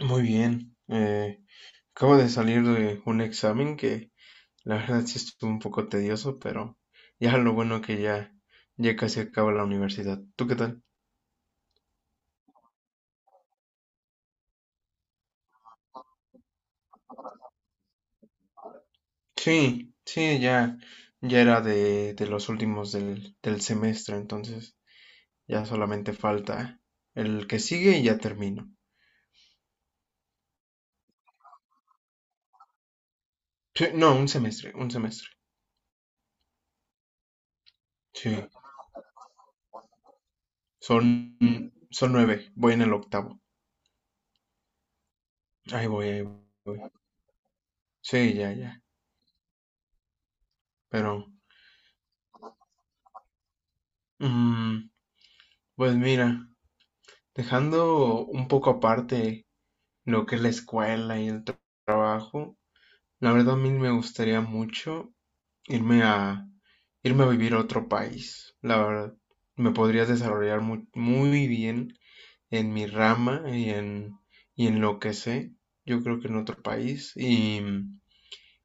Muy bien. Acabo de salir de un examen que la verdad sí estuvo un poco tedioso, pero ya lo bueno que ya, ya casi acaba la universidad. ¿Tú qué tal? Sí, sí, ya, ya era de los últimos del semestre, entonces ya solamente falta el que sigue y ya termino. Sí, no, un semestre, un semestre. Sí, son, son nueve, voy en el octavo. Ahí voy, ahí voy. Sí, ya, ya. Pero, mm, pues mira. Dejando un poco aparte lo que es la escuela y el trabajo, la verdad a mí me gustaría mucho irme a irme a vivir a otro país. La verdad, me podría desarrollar muy, muy bien en mi rama y y en lo que sé, yo creo que en otro país. Y,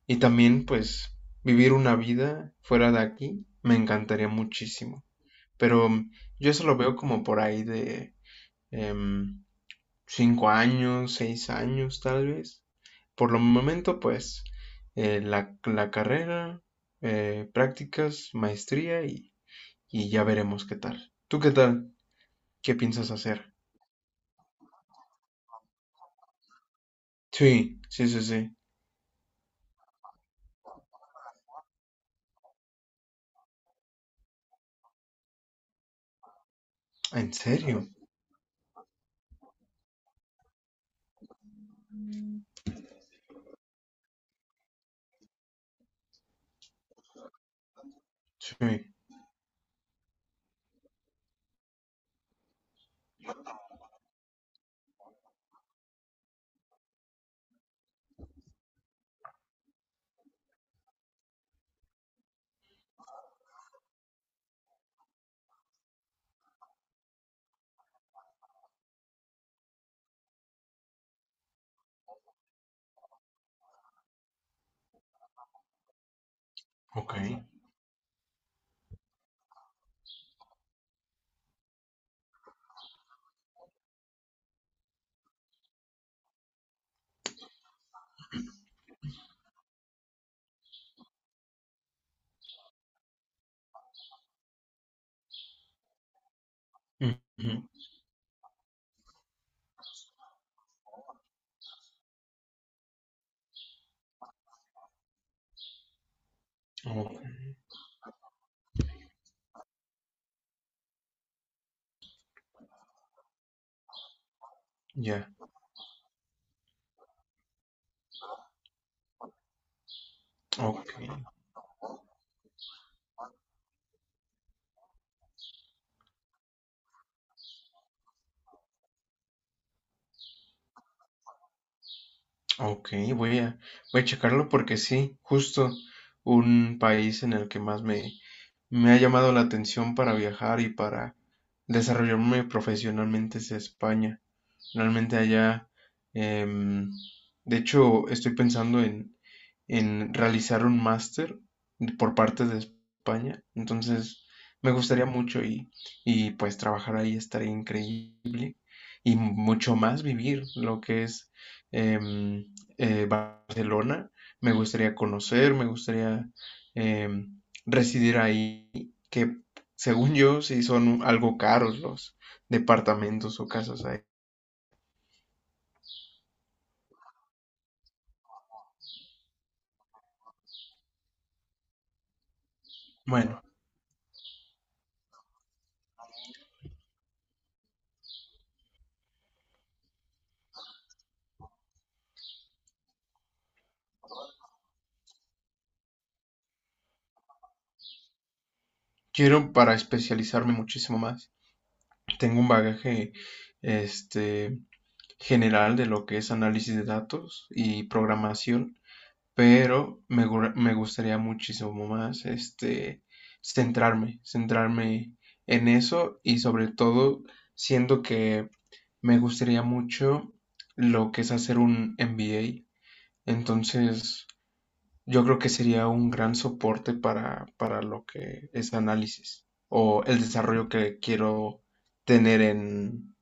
y también, pues, vivir una vida fuera de aquí me encantaría muchísimo. Pero yo eso lo veo como por ahí de em, 5 años, 6 años tal vez. Por lo momento, pues, la carrera, prácticas, maestría y ya veremos qué tal. ¿Tú qué tal? ¿Qué piensas hacer? Sí, sí, sí, sí. ¿En serio? Sí, ok. Ujú, ok, ya, ok, ok, voy a, voy a checarlo porque sí, justo un país en el que más me ha llamado la atención para viajar y para desarrollarme profesionalmente es España. Realmente allá, em, de hecho, estoy pensando en realizar un máster por parte de España. Entonces, me gustaría mucho y pues trabajar ahí estaría increíble y mucho más vivir lo que es em, Barcelona. Me gustaría conocer, me gustaría residir ahí, que según yo sí son algo caros los departamentos o casas ahí. Bueno, quiero para especializarme muchísimo más. Tengo un bagaje este general de lo que es análisis de datos y programación, pero me gustaría muchísimo más centrarme en eso y sobre todo siento que me gustaría mucho lo que es hacer un MBA. Entonces, yo creo que sería un gran soporte para lo que es análisis o el desarrollo que quiero tener en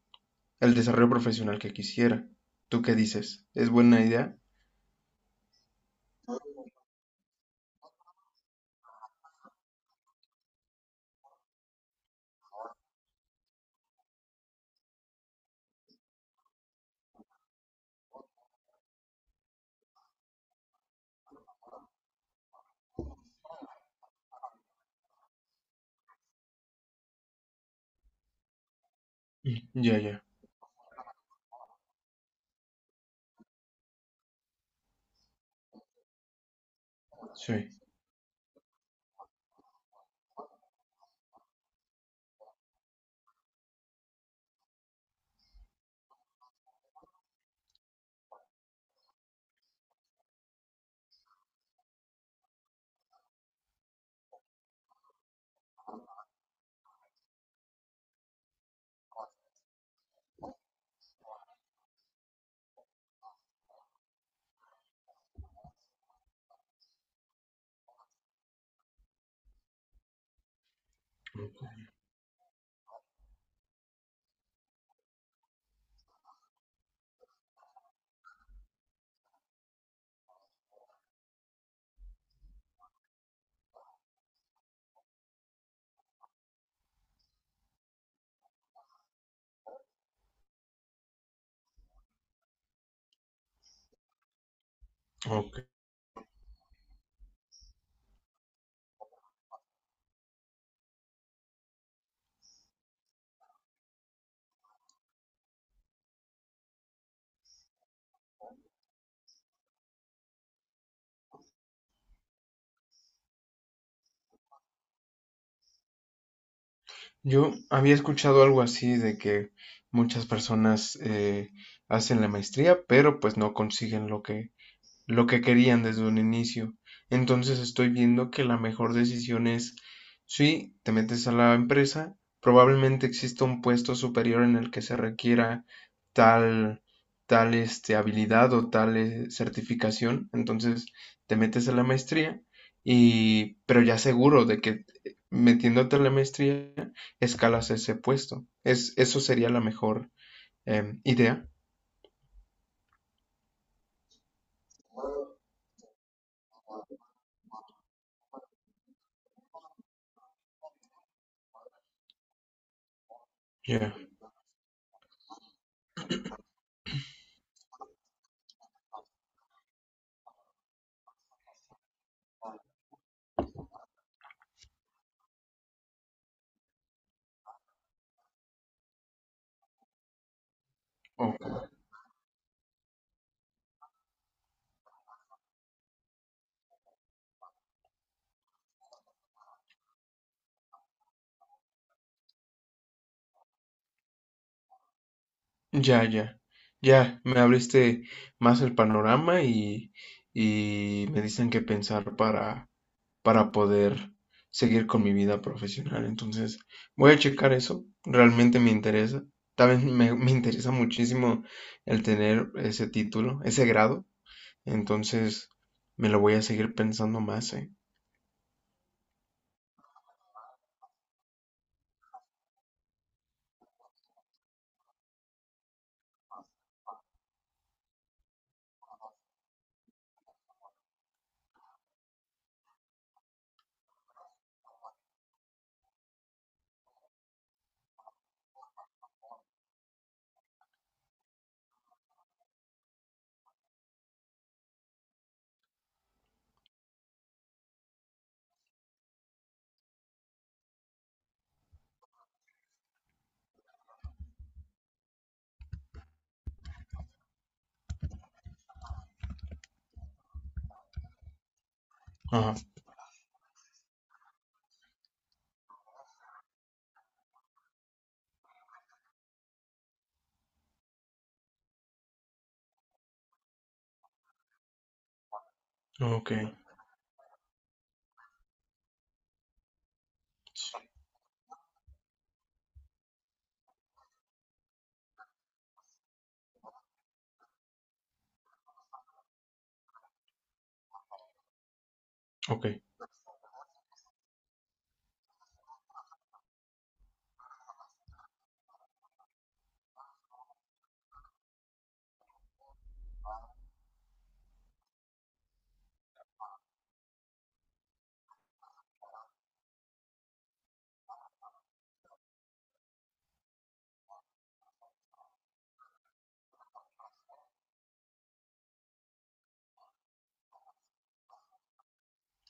el desarrollo profesional que quisiera. ¿Tú qué dices? ¿Es buena idea? Mm, ya, ya, sí. Ok. Yo había escuchado algo así de que muchas personas hacen la maestría, pero pues no consiguen lo que querían desde un inicio. Entonces estoy viendo que la mejor decisión es, sí, te metes a la empresa, probablemente exista un puesto superior en el que se requiera tal, tal habilidad o tal certificación. Entonces te metes a la maestría pero ya seguro de que metiéndote a la maestría escalas ese puesto. Eso sería la mejor idea. Yeah. O Ya, ya, ya, me abriste más el panorama y me dicen qué pensar para poder seguir con mi vida profesional. Entonces, voy a checar eso, realmente me interesa. También me interesa muchísimo el tener ese título, ese grado. Entonces, me lo voy a seguir pensando más, ¿eh? Ajá, ok, ok,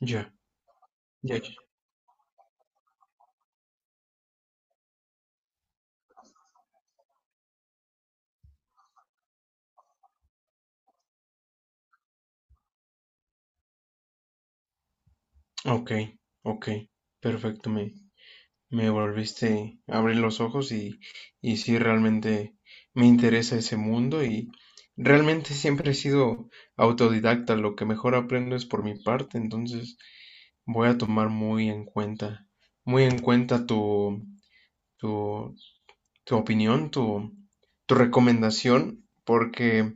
ya, ya, ya. Ok, ok, perfecto. Me volviste a abrir los ojos y sí, realmente me interesa ese mundo y realmente siempre he sido autodidacta, lo que mejor aprendo es por mi parte, entonces voy a tomar muy en cuenta tu, tu, tu opinión, tu recomendación, porque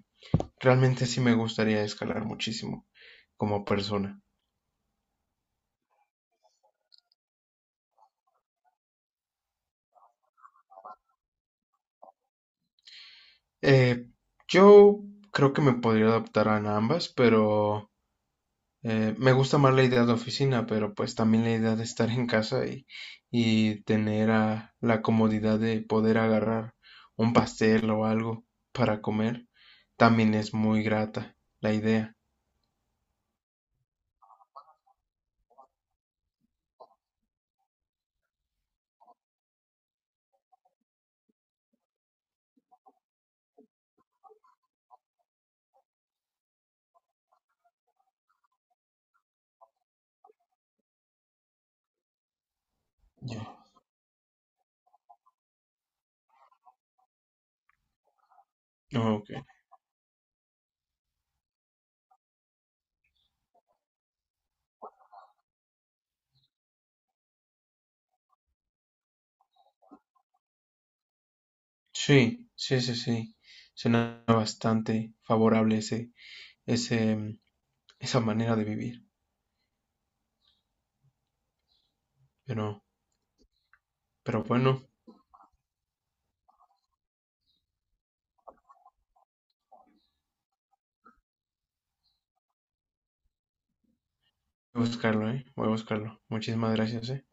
realmente sí me gustaría escalar muchísimo como persona. Eh, yo creo que me podría adaptar a ambas, pero. Me gusta más la idea de oficina, pero pues también la idea de estar en casa y tener la comodidad de poder agarrar un pastel o algo para comer, también es muy grata la idea. Ya. Ok. Sí, sí, sí, sí. Suena bastante favorable ese, mm, esa manera de vivir. Pero, pero bueno, voy a buscarlo, ¿eh? Voy a buscarlo. Muchísimas gracias, ¿eh?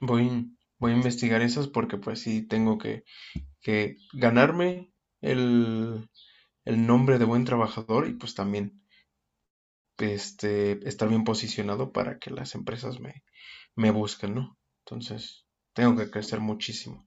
Voy a investigar esas porque pues sí tengo que ganarme el, el nombre de buen trabajador y pues también estar bien posicionado para que las empresas me busquen, ¿no? Entonces, tengo que crecer muchísimo.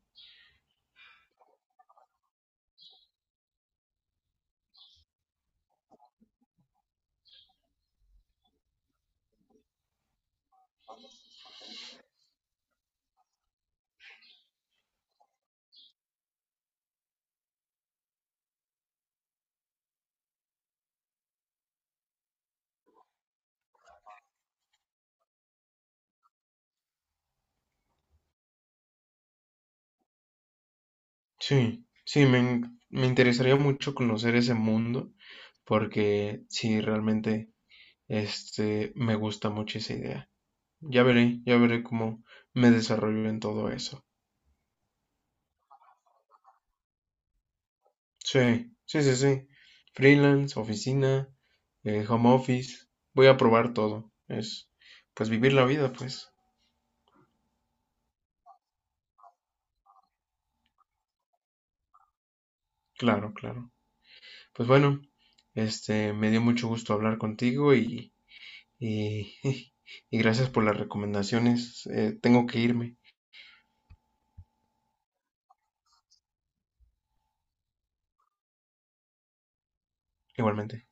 Sí, sí, me interesaría mucho conocer ese mundo porque sí, realmente me gusta mucho esa idea. Ya veré cómo me desarrollo en todo eso. Sí, sí, sí, sí. Freelance, oficina, home office. Voy a probar todo. Pues vivir la vida, pues. Claro, claro. Pues bueno, me dio mucho gusto hablar contigo y, y gracias por las recomendaciones. Tengo que irme, igualmente.